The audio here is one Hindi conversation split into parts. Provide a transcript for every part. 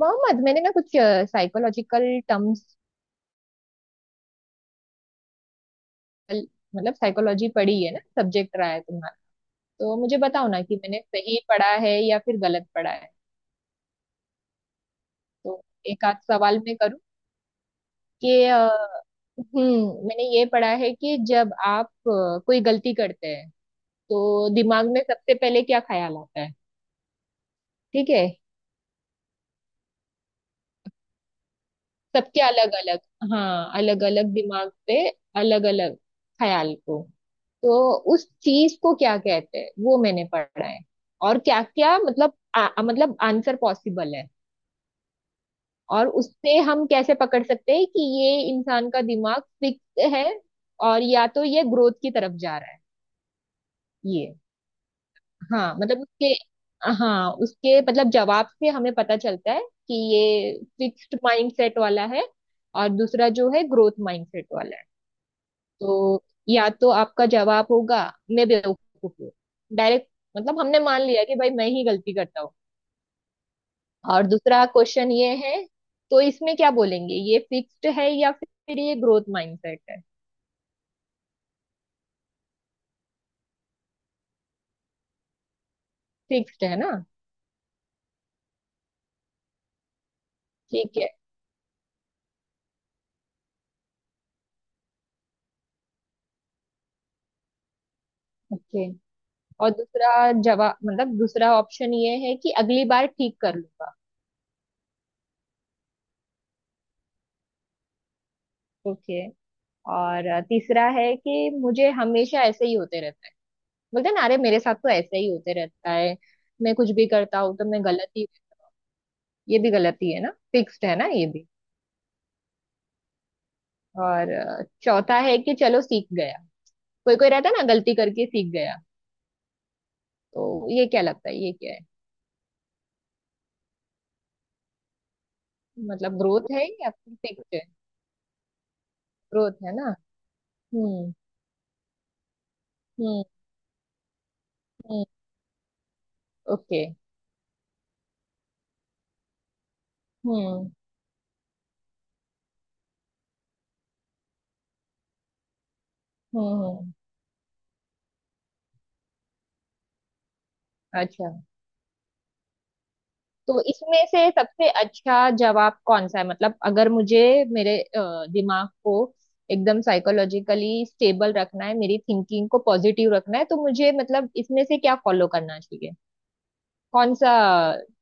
मोहम्मद, मैंने ना कुछ साइकोलॉजिकल टर्म्स मतलब साइकोलॉजी पढ़ी है ना, सब्जेक्ट रहा है तुम्हारा। तो मुझे बताओ ना कि मैंने सही पढ़ा है या फिर गलत पढ़ा है। तो एक आध सवाल मैं करूं कि हम्म, मैंने ये पढ़ा है कि जब आप कोई गलती करते हैं तो दिमाग में सबसे पहले क्या ख्याल आता है। ठीक है, सबके अलग अलग, हाँ अलग अलग दिमाग पे अलग अलग ख्याल को, तो उस चीज को क्या कहते हैं वो मैंने पढ़ा है। और क्या क्या मतलब आ, आ- मतलब आंसर पॉसिबल है। और उससे हम कैसे पकड़ सकते हैं कि ये इंसान का दिमाग फिक्स है और या तो ये ग्रोथ की तरफ जा रहा है? ये हाँ मतलब उसके, हाँ उसके मतलब जवाब से हमें पता चलता है कि ये फिक्स्ड माइंडसेट वाला है और दूसरा जो है ग्रोथ माइंडसेट वाला है। तो या तो आपका जवाब होगा मैं बेवकूफ हूँ, डायरेक्ट। मतलब हमने मान लिया कि भाई मैं ही गलती करता हूँ। और दूसरा क्वेश्चन ये है, तो इसमें क्या बोलेंगे, ये फिक्स्ड है या फिर ये ग्रोथ माइंडसेट है? फिक्स्ड है ना? ठीक है, ओके। और दूसरा जवाब मतलब दूसरा ऑप्शन ये है कि अगली बार ठीक कर लूंगा। ओके। और तीसरा है कि मुझे हमेशा ऐसे ही होते रहता है, बोलते हैं ना अरे मेरे साथ तो ऐसे ही होते रहता है, मैं कुछ भी करता हूँ तो मैं गलत ही। ये भी गलत ही है ना, फिक्स्ड है ना ये भी। और चौथा है कि चलो सीख गया, कोई कोई रहता है ना गलती करके सीख गया। तो ये क्या लगता है, ये क्या है? मतलब ग्रोथ है या फिर फिक्स्ड है? ग्रोथ है ना। हम्म हम्म हम्म। ओके। हम्म हम्म हम्म, अच्छा। तो इसमें से सबसे अच्छा जवाब कौन सा है? मतलब अगर मुझे मेरे दिमाग को एकदम साइकोलॉजिकली स्टेबल रखना है, मेरी थिंकिंग को पॉजिटिव रखना है, तो मुझे मतलब इसमें से क्या फॉलो करना चाहिए, कौन सा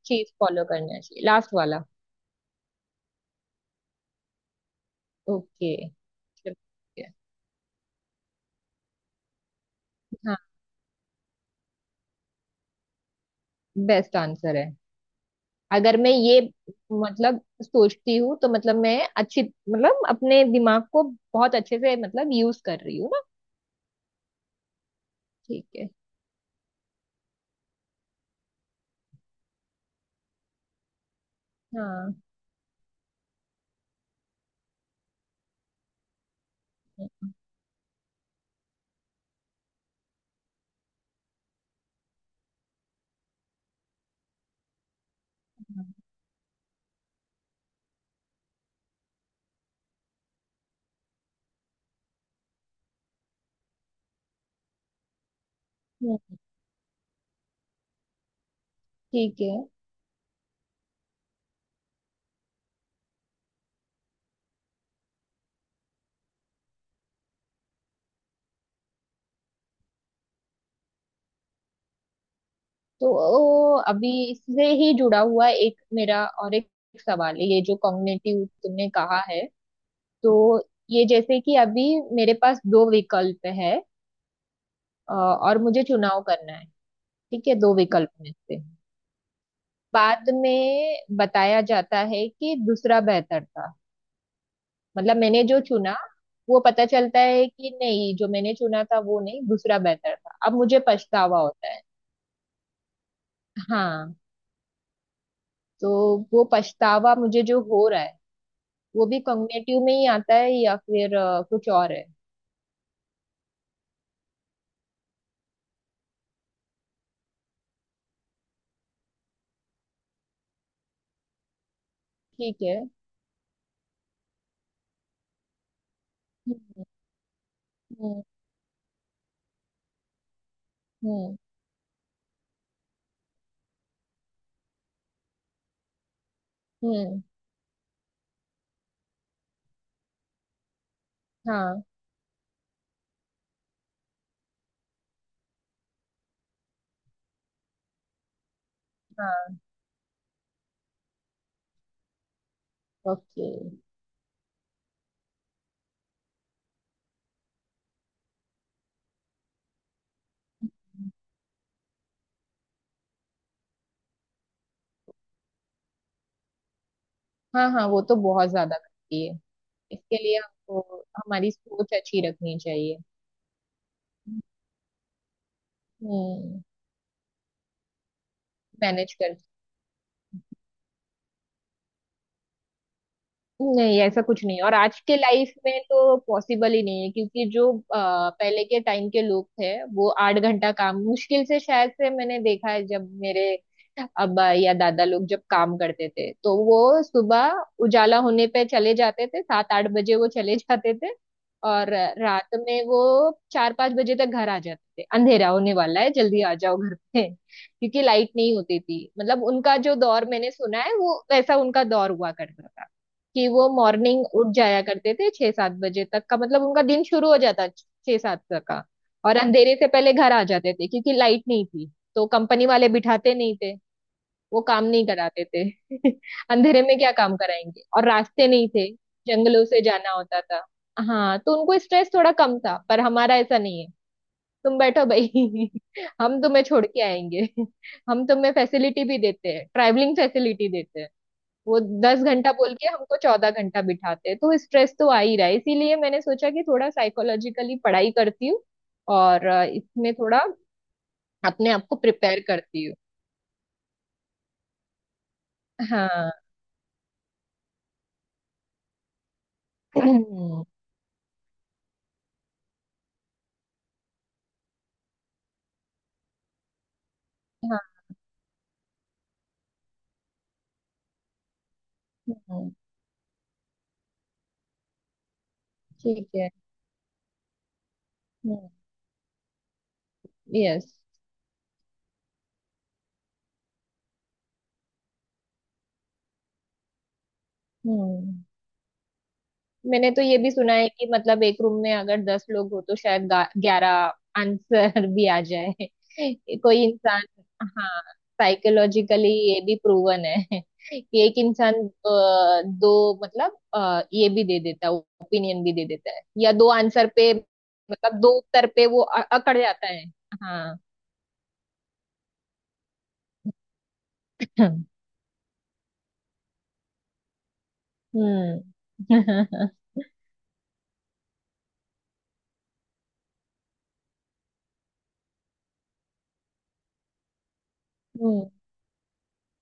चीज फॉलो करना चाहिए? लास्ट वाला? ओके। हाँ, बेस्ट आंसर है। अगर मैं ये मतलब सोचती हूँ तो मतलब मैं अच्छी मतलब अपने दिमाग को बहुत अच्छे से मतलब यूज कर रही हूँ ना। ठीक है। हाँ। हम्म, ठीक है। तो ओ, अभी इससे ही जुड़ा हुआ एक मेरा और एक सवाल है, ये जो कॉग्निटिव तुमने कहा है, तो ये जैसे कि अभी मेरे पास दो विकल्प है और मुझे चुनाव करना है। ठीक है, दो विकल्प में से बाद में बताया जाता है कि दूसरा बेहतर था। मतलब मैंने जो चुना वो पता चलता है कि नहीं, जो मैंने चुना था वो नहीं, दूसरा बेहतर था, अब मुझे पछतावा होता है। हाँ। तो वो पछतावा मुझे जो हो रहा है, वो भी कॉग्निटिव में ही आता है या फिर कुछ और है? ठीक है। हम्म हम्म हम्म हम्म, हाँ हाँ। ओके। हाँ हाँ, वो तो बहुत ज्यादा करती है। इसके लिए हमको हमारी सोच अच्छी रखनी चाहिए। हम्म। मैनेज कर। नहीं, ऐसा कुछ नहीं है। और आज के लाइफ में तो पॉसिबल ही नहीं है, क्योंकि जो पहले के टाइम के लोग थे वो 8 घंटा काम मुश्किल से, शायद से मैंने देखा है जब मेरे अब्बा या दादा लोग जब काम करते थे, तो वो सुबह उजाला होने पे चले जाते थे, 7-8 बजे वो चले जाते थे। और रात में वो 4-5 बजे तक घर आ जाते थे, अंधेरा होने वाला है जल्दी आ जाओ घर पे, क्योंकि लाइट नहीं होती थी, मतलब उनका जो दौर मैंने सुना है वो वैसा उनका दौर हुआ करता था कि वो मॉर्निंग उठ जाया करते थे 6-7 बजे तक का, मतलब उनका दिन शुरू हो जाता 6-7 तक का। और अंधेरे से पहले घर आ जाते थे क्योंकि लाइट नहीं थी तो कंपनी वाले बिठाते नहीं थे, वो काम नहीं कराते थे। अंधेरे में क्या काम कराएंगे, और रास्ते नहीं थे, जंगलों से जाना होता था। हाँ, तो उनको स्ट्रेस थोड़ा कम था पर हमारा ऐसा नहीं है। तुम बैठो भाई। हम तुम्हें छोड़ के आएंगे। हम तुम्हें फैसिलिटी भी देते हैं, ट्रैवलिंग फैसिलिटी देते हैं। वो 10 घंटा बोल के हमको 14 घंटा बिठाते हैं, तो स्ट्रेस तो आ ही रहा है, इसीलिए मैंने सोचा कि थोड़ा साइकोलॉजिकली पढ़ाई करती हूँ और इसमें थोड़ा अपने आप को प्रिपेयर करती हूँ। हाँ। हाँ। हम्म, ठीक है। यस। मैंने तो ये भी सुना है कि मतलब एक रूम में अगर 10 लोग हो तो शायद 11 आंसर भी आ जाए। कोई इंसान। हाँ, साइकोलॉजिकली ये भी प्रूवन है कि एक इंसान दो मतलब ये भी दे देता है, ओपिनियन भी दे देता है या दो आंसर पे, मतलब दो उत्तर पे वो अकड़ जाता है। हाँ। हम्म। हम्म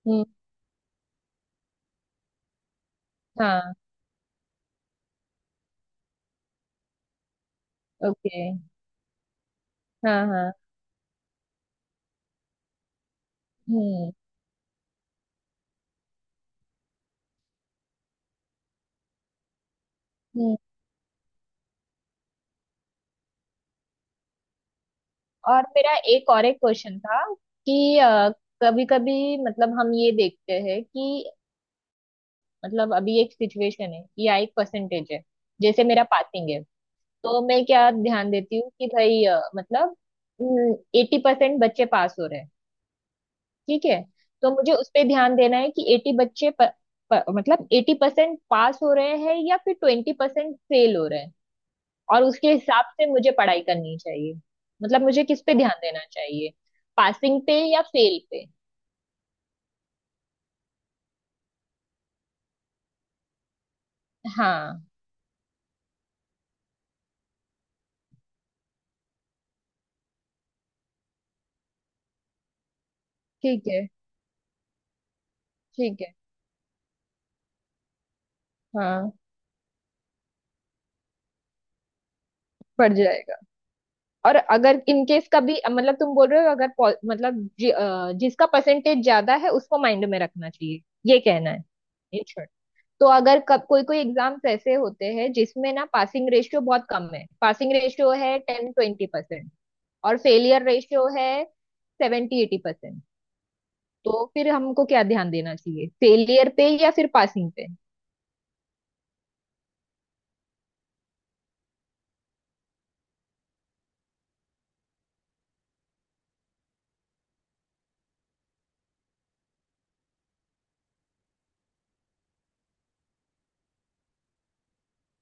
हम्म। हाँ। ओके। हाँ हाँ। हम्म। और मेरा एक और एक क्वेश्चन था कि कभी कभी मतलब हम ये देखते हैं कि मतलब अभी एक सिचुएशन है या एक परसेंटेज है, जैसे मेरा पासिंग है। तो मैं क्या ध्यान देती हूँ कि भाई मतलब 80% बच्चे पास हो रहे हैं। ठीक है। तो मुझे उस पे ध्यान देना है कि एटी बच्चे प, प, मतलब 80% पास हो रहे हैं या फिर 20% फेल हो रहे हैं, और उसके हिसाब से मुझे पढ़ाई करनी चाहिए। मतलब मुझे किस पे ध्यान देना चाहिए, पासिंग पे या फेल पे? हाँ, ठीक है। ठीक है। हाँ पड़ जाएगा। और अगर इनकेस कभी मतलब तुम बोल रहे हो अगर पो- मतलब जि, अ, जिसका परसेंटेज ज्यादा है उसको माइंड में रखना चाहिए, ये कहना है। ये छोड़। तो अगर कब कोई कोई एग्जाम्स ऐसे होते हैं जिसमें ना पासिंग रेशियो बहुत कम है, पासिंग रेशियो है 10-20% और फेलियर रेशियो है 70-80%, तो फिर हमको क्या ध्यान देना चाहिए, फेलियर पे या फिर पासिंग पे?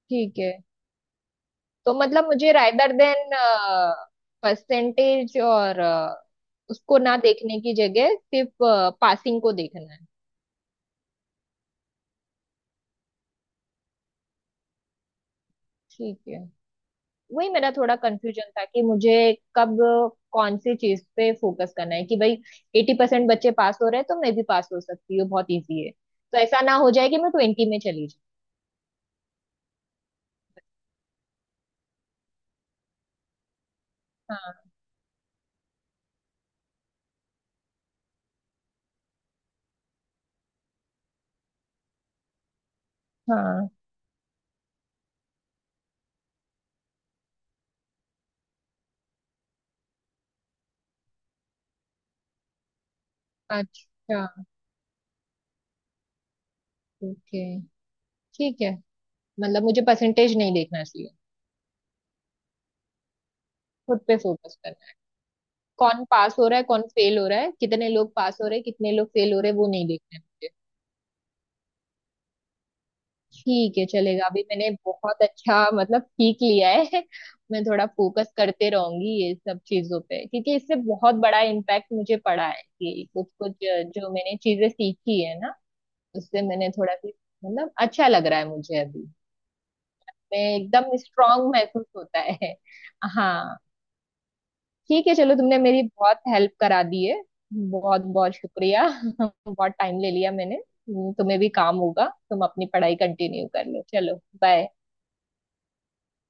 ठीक है। तो मतलब मुझे रादर देन परसेंटेज और उसको ना देखने की जगह सिर्फ पासिंग को देखना है। ठीक है, वही मेरा थोड़ा कंफ्यूजन था कि मुझे कब कौन सी चीज पे फोकस करना है कि भाई 80% बच्चे पास हो रहे हैं तो मैं भी पास हो सकती हूँ, बहुत इजी है, तो ऐसा ना हो जाए कि मैं 20 में चली जाऊँ। हाँ हाँ। अच्छा, ओके, ठीक है। मतलब मुझे परसेंटेज नहीं देखना चाहिए। खुद पे फोकस करना है, कौन पास हो रहा है कौन फेल हो रहा है, कितने लोग पास हो रहे हैं कितने लोग फेल हो रहे हैं वो नहीं देखना है मुझे। ठीक है, चलेगा। अभी मैंने बहुत अच्छा मतलब सीख लिया है। मैं थोड़ा फोकस करते रहूंगी ये सब चीजों पे क्योंकि इससे बहुत बड़ा इम्पैक्ट मुझे पड़ा है कि कुछ कुछ जो मैंने चीजें सीखी है ना, उससे मैंने थोड़ा भी मतलब अच्छा लग रहा है मुझे अभी। मैं एकदम स्ट्रांग महसूस होता है। हाँ, ठीक है चलो, तुमने मेरी बहुत हेल्प करा दी है, बहुत बहुत शुक्रिया। बहुत टाइम ले लिया मैंने। तुम्हें भी काम होगा, तुम अपनी पढ़ाई कंटिन्यू कर लो चलो। बाय।